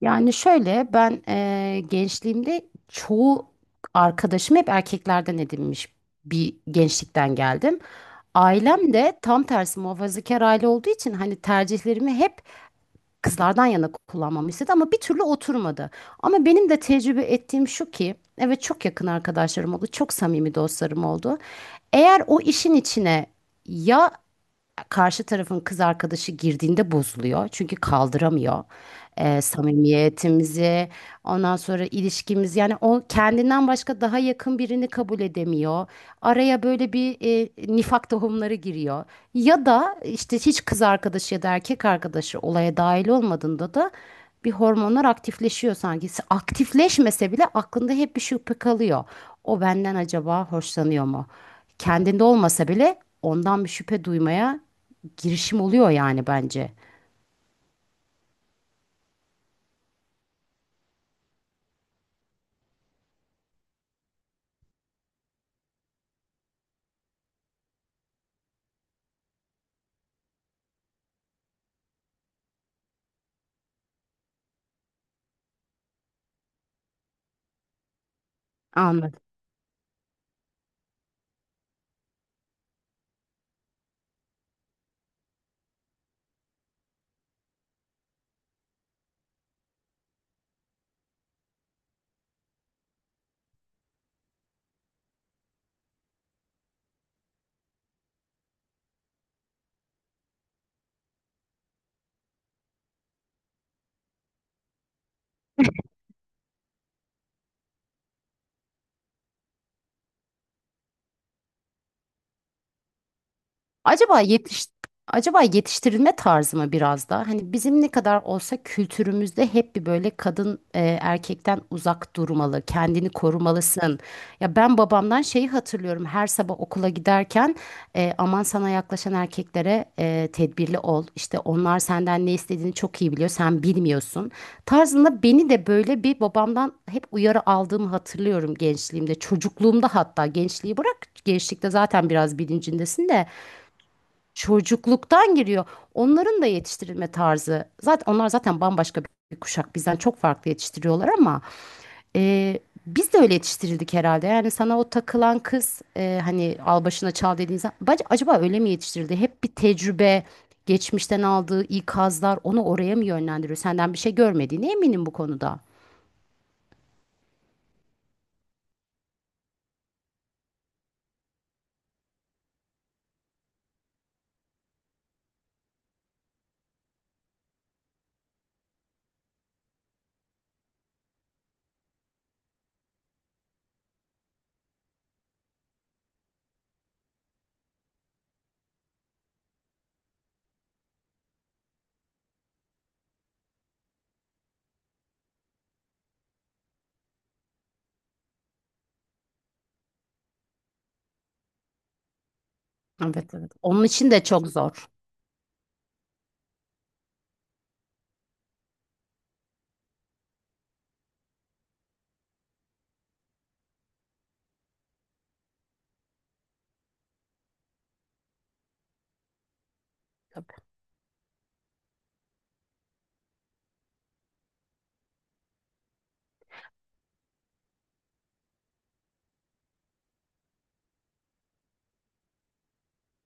Yani şöyle ben gençliğimde çoğu arkadaşım hep erkeklerden edinmiş bir gençlikten geldim. Ailem de tam tersi muhafazakar aile olduğu için hani tercihlerimi hep kızlardan yana kullanmamı istedi ama bir türlü oturmadı. Ama benim de tecrübe ettiğim şu ki evet çok yakın arkadaşlarım oldu, çok samimi dostlarım oldu. Eğer o işin içine ya karşı tarafın kız arkadaşı girdiğinde bozuluyor. Çünkü kaldıramıyor. Samimiyetimizi, ondan sonra ilişkimiz yani o kendinden başka daha yakın birini kabul edemiyor. Araya böyle bir nifak tohumları giriyor. Ya da işte hiç kız arkadaşı ya da erkek arkadaşı olaya dahil olmadığında da bir hormonlar aktifleşiyor sanki. Aktifleşmese bile aklında hep bir şüphe kalıyor. O benden acaba hoşlanıyor mu? Kendinde olmasa bile ondan bir şüphe duymaya girişim oluyor yani bence. Anladım. Acaba yetiş acaba yetiştirilme tarzı mı biraz da? Hani bizim ne kadar olsa kültürümüzde hep bir böyle kadın erkekten uzak durmalı, kendini korumalısın. Ya ben babamdan şeyi hatırlıyorum. Her sabah okula giderken aman sana yaklaşan erkeklere tedbirli ol. İşte onlar senden ne istediğini çok iyi biliyor, sen bilmiyorsun. Tarzında beni de böyle bir babamdan hep uyarı aldığımı hatırlıyorum gençliğimde, çocukluğumda hatta gençliği bırak. Gençlikte zaten biraz bilincindesin de çocukluktan giriyor. Onların da yetiştirilme tarzı. Zaten onlar zaten bambaşka bir kuşak. Bizden çok farklı yetiştiriyorlar ama e, biz de öyle yetiştirildik herhalde. Yani sana o takılan kız hani al başına çal dediğiniz acaba öyle mi yetiştirildi? Hep bir tecrübe, geçmişten aldığı ikazlar onu oraya mı yönlendiriyor? Senden bir şey görmediğine eminim bu konuda. Evet, evet. Onun için de çok zor.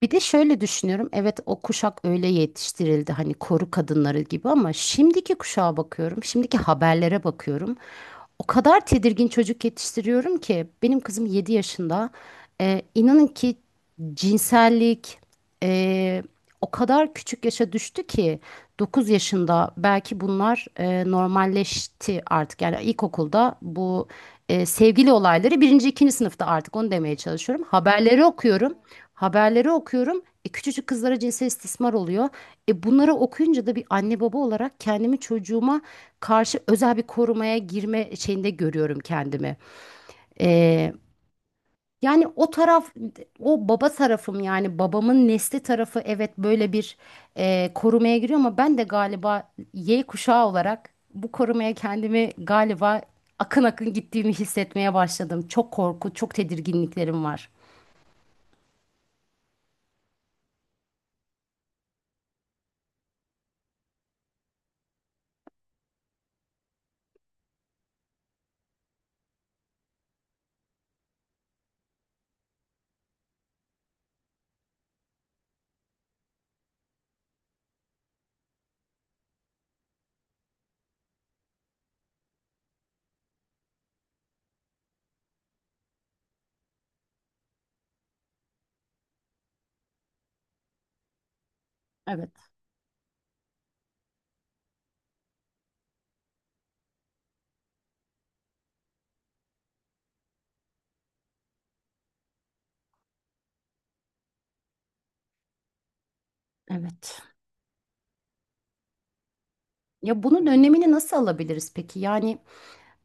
Bir de şöyle düşünüyorum. Evet, o kuşak öyle yetiştirildi hani koru kadınları gibi ama şimdiki kuşağa bakıyorum. Şimdiki haberlere bakıyorum. O kadar tedirgin çocuk yetiştiriyorum ki benim kızım 7 yaşında. İnanın ki cinsellik ee, o kadar küçük yaşa düştü ki 9 yaşında belki bunlar normalleşti artık. Yani ilkokulda bu sevgili olayları birinci, ikinci sınıfta artık onu demeye çalışıyorum. Haberleri okuyorum. Haberleri okuyorum. Küçücük kızlara cinsel istismar oluyor. Bunları okuyunca da bir anne baba olarak kendimi çocuğuma karşı özel bir korumaya girme şeyinde görüyorum kendimi. E, yani o taraf, o baba tarafım yani babamın nesli tarafı evet böyle bir korumaya giriyor ama ben de galiba Y kuşağı olarak bu korumaya kendimi galiba akın akın gittiğimi hissetmeye başladım. Çok korku, çok tedirginliklerim var. Evet, evet. Ya bunun önlemini nasıl alabiliriz peki? Yani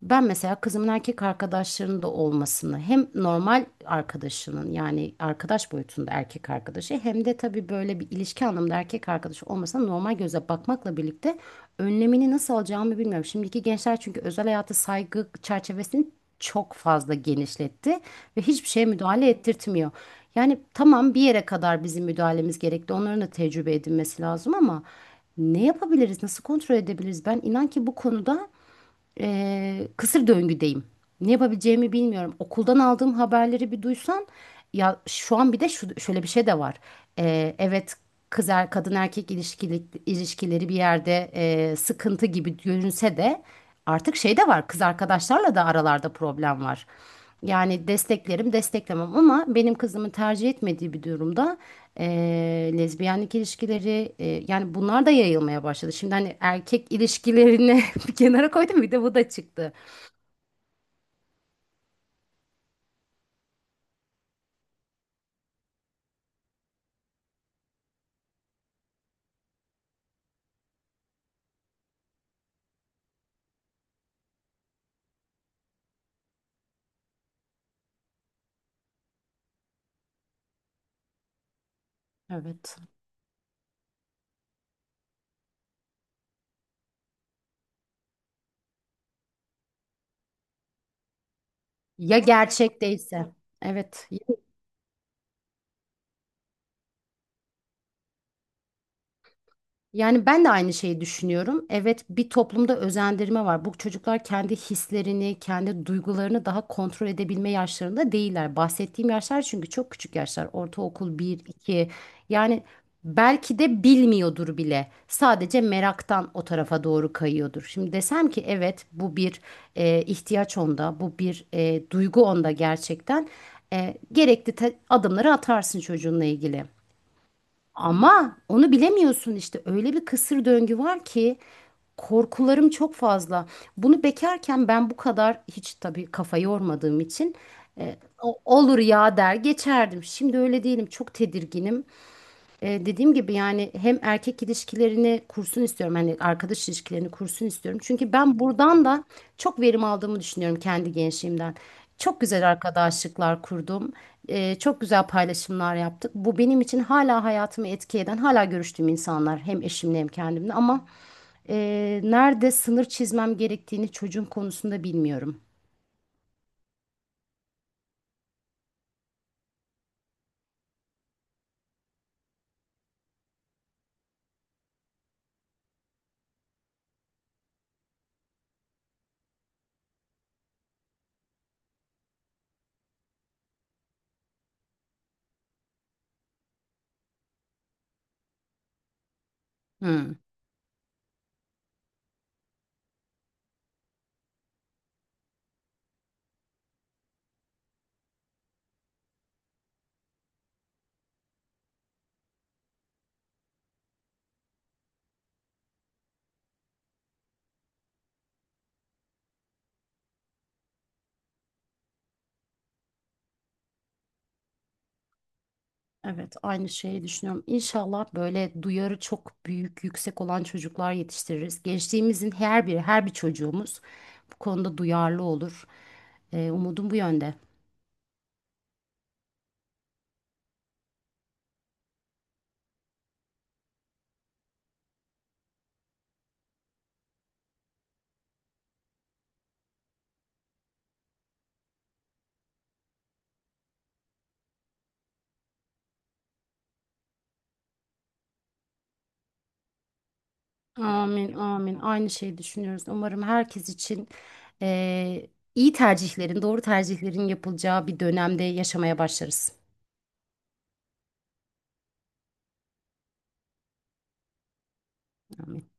ben mesela kızımın erkek arkadaşlarının da olmasını hem normal arkadaşının yani arkadaş boyutunda erkek arkadaşı hem de tabii böyle bir ilişki anlamında erkek arkadaşı olmasına normal göze bakmakla birlikte önlemini nasıl alacağımı bilmiyorum. Şimdiki gençler çünkü özel hayata saygı çerçevesini çok fazla genişletti ve hiçbir şeye müdahale ettirtmiyor. Yani tamam bir yere kadar bizim müdahalemiz gerekli. Onların da tecrübe edinmesi lazım ama ne yapabiliriz? Nasıl kontrol edebiliriz? Ben inan ki bu konuda kısır döngüdeyim. Ne yapabileceğimi bilmiyorum. Okuldan aldığım haberleri bir duysan ya şu an bir de şu, şöyle bir şey de var. Evet, kadın erkek ilişkileri bir yerde sıkıntı gibi görünse de artık şey de var. Kız arkadaşlarla da aralarda problem var. Yani desteklerim, desteklemem ama benim kızımın tercih etmediği bir durumda lezbiyenlik ilişkileri yani bunlar da yayılmaya başladı. Şimdi hani erkek ilişkilerini bir kenara koydum, bir de bu da çıktı. Evet. Ya gerçek değilse. Evet. Yani ben de aynı şeyi düşünüyorum. Evet, bir toplumda özendirme var. Bu çocuklar kendi hislerini, kendi duygularını daha kontrol edebilme yaşlarında değiller. Bahsettiğim yaşlar çünkü çok küçük yaşlar. Ortaokul bir, 2. Yani belki de bilmiyordur bile. Sadece meraktan o tarafa doğru kayıyordur. Şimdi desem ki evet, bu bir ihtiyaç onda, bu bir duygu onda gerçekten. Gerekli adımları atarsın çocuğunla ilgili. Ama onu bilemiyorsun işte öyle bir kısır döngü var ki korkularım çok fazla. Bunu bekarken ben bu kadar hiç tabii kafa yormadığım için e, olur ya der geçerdim. Şimdi öyle değilim, çok tedirginim. Dediğim gibi yani hem erkek ilişkilerini kursun istiyorum. Hani arkadaş ilişkilerini kursun istiyorum. Çünkü ben buradan da çok verim aldığımı düşünüyorum kendi gençliğimden. Çok güzel arkadaşlıklar kurdum. Çok güzel paylaşımlar yaptık. Bu benim için hala hayatımı etki eden, hala görüştüğüm insanlar. Hem eşimle hem kendimle ama nerede sınır çizmem gerektiğini çocuğun konusunda bilmiyorum. Hmm. Evet, aynı şeyi düşünüyorum. İnşallah böyle duyarı çok büyük, yüksek olan çocuklar yetiştiririz. Gençliğimizin her biri, her bir çocuğumuz bu konuda duyarlı olur. Umudum bu yönde. Amin, amin. Aynı şeyi düşünüyoruz. Umarım herkes için eee, iyi tercihlerin, doğru tercihlerin yapılacağı bir dönemde yaşamaya başlarız. Amin.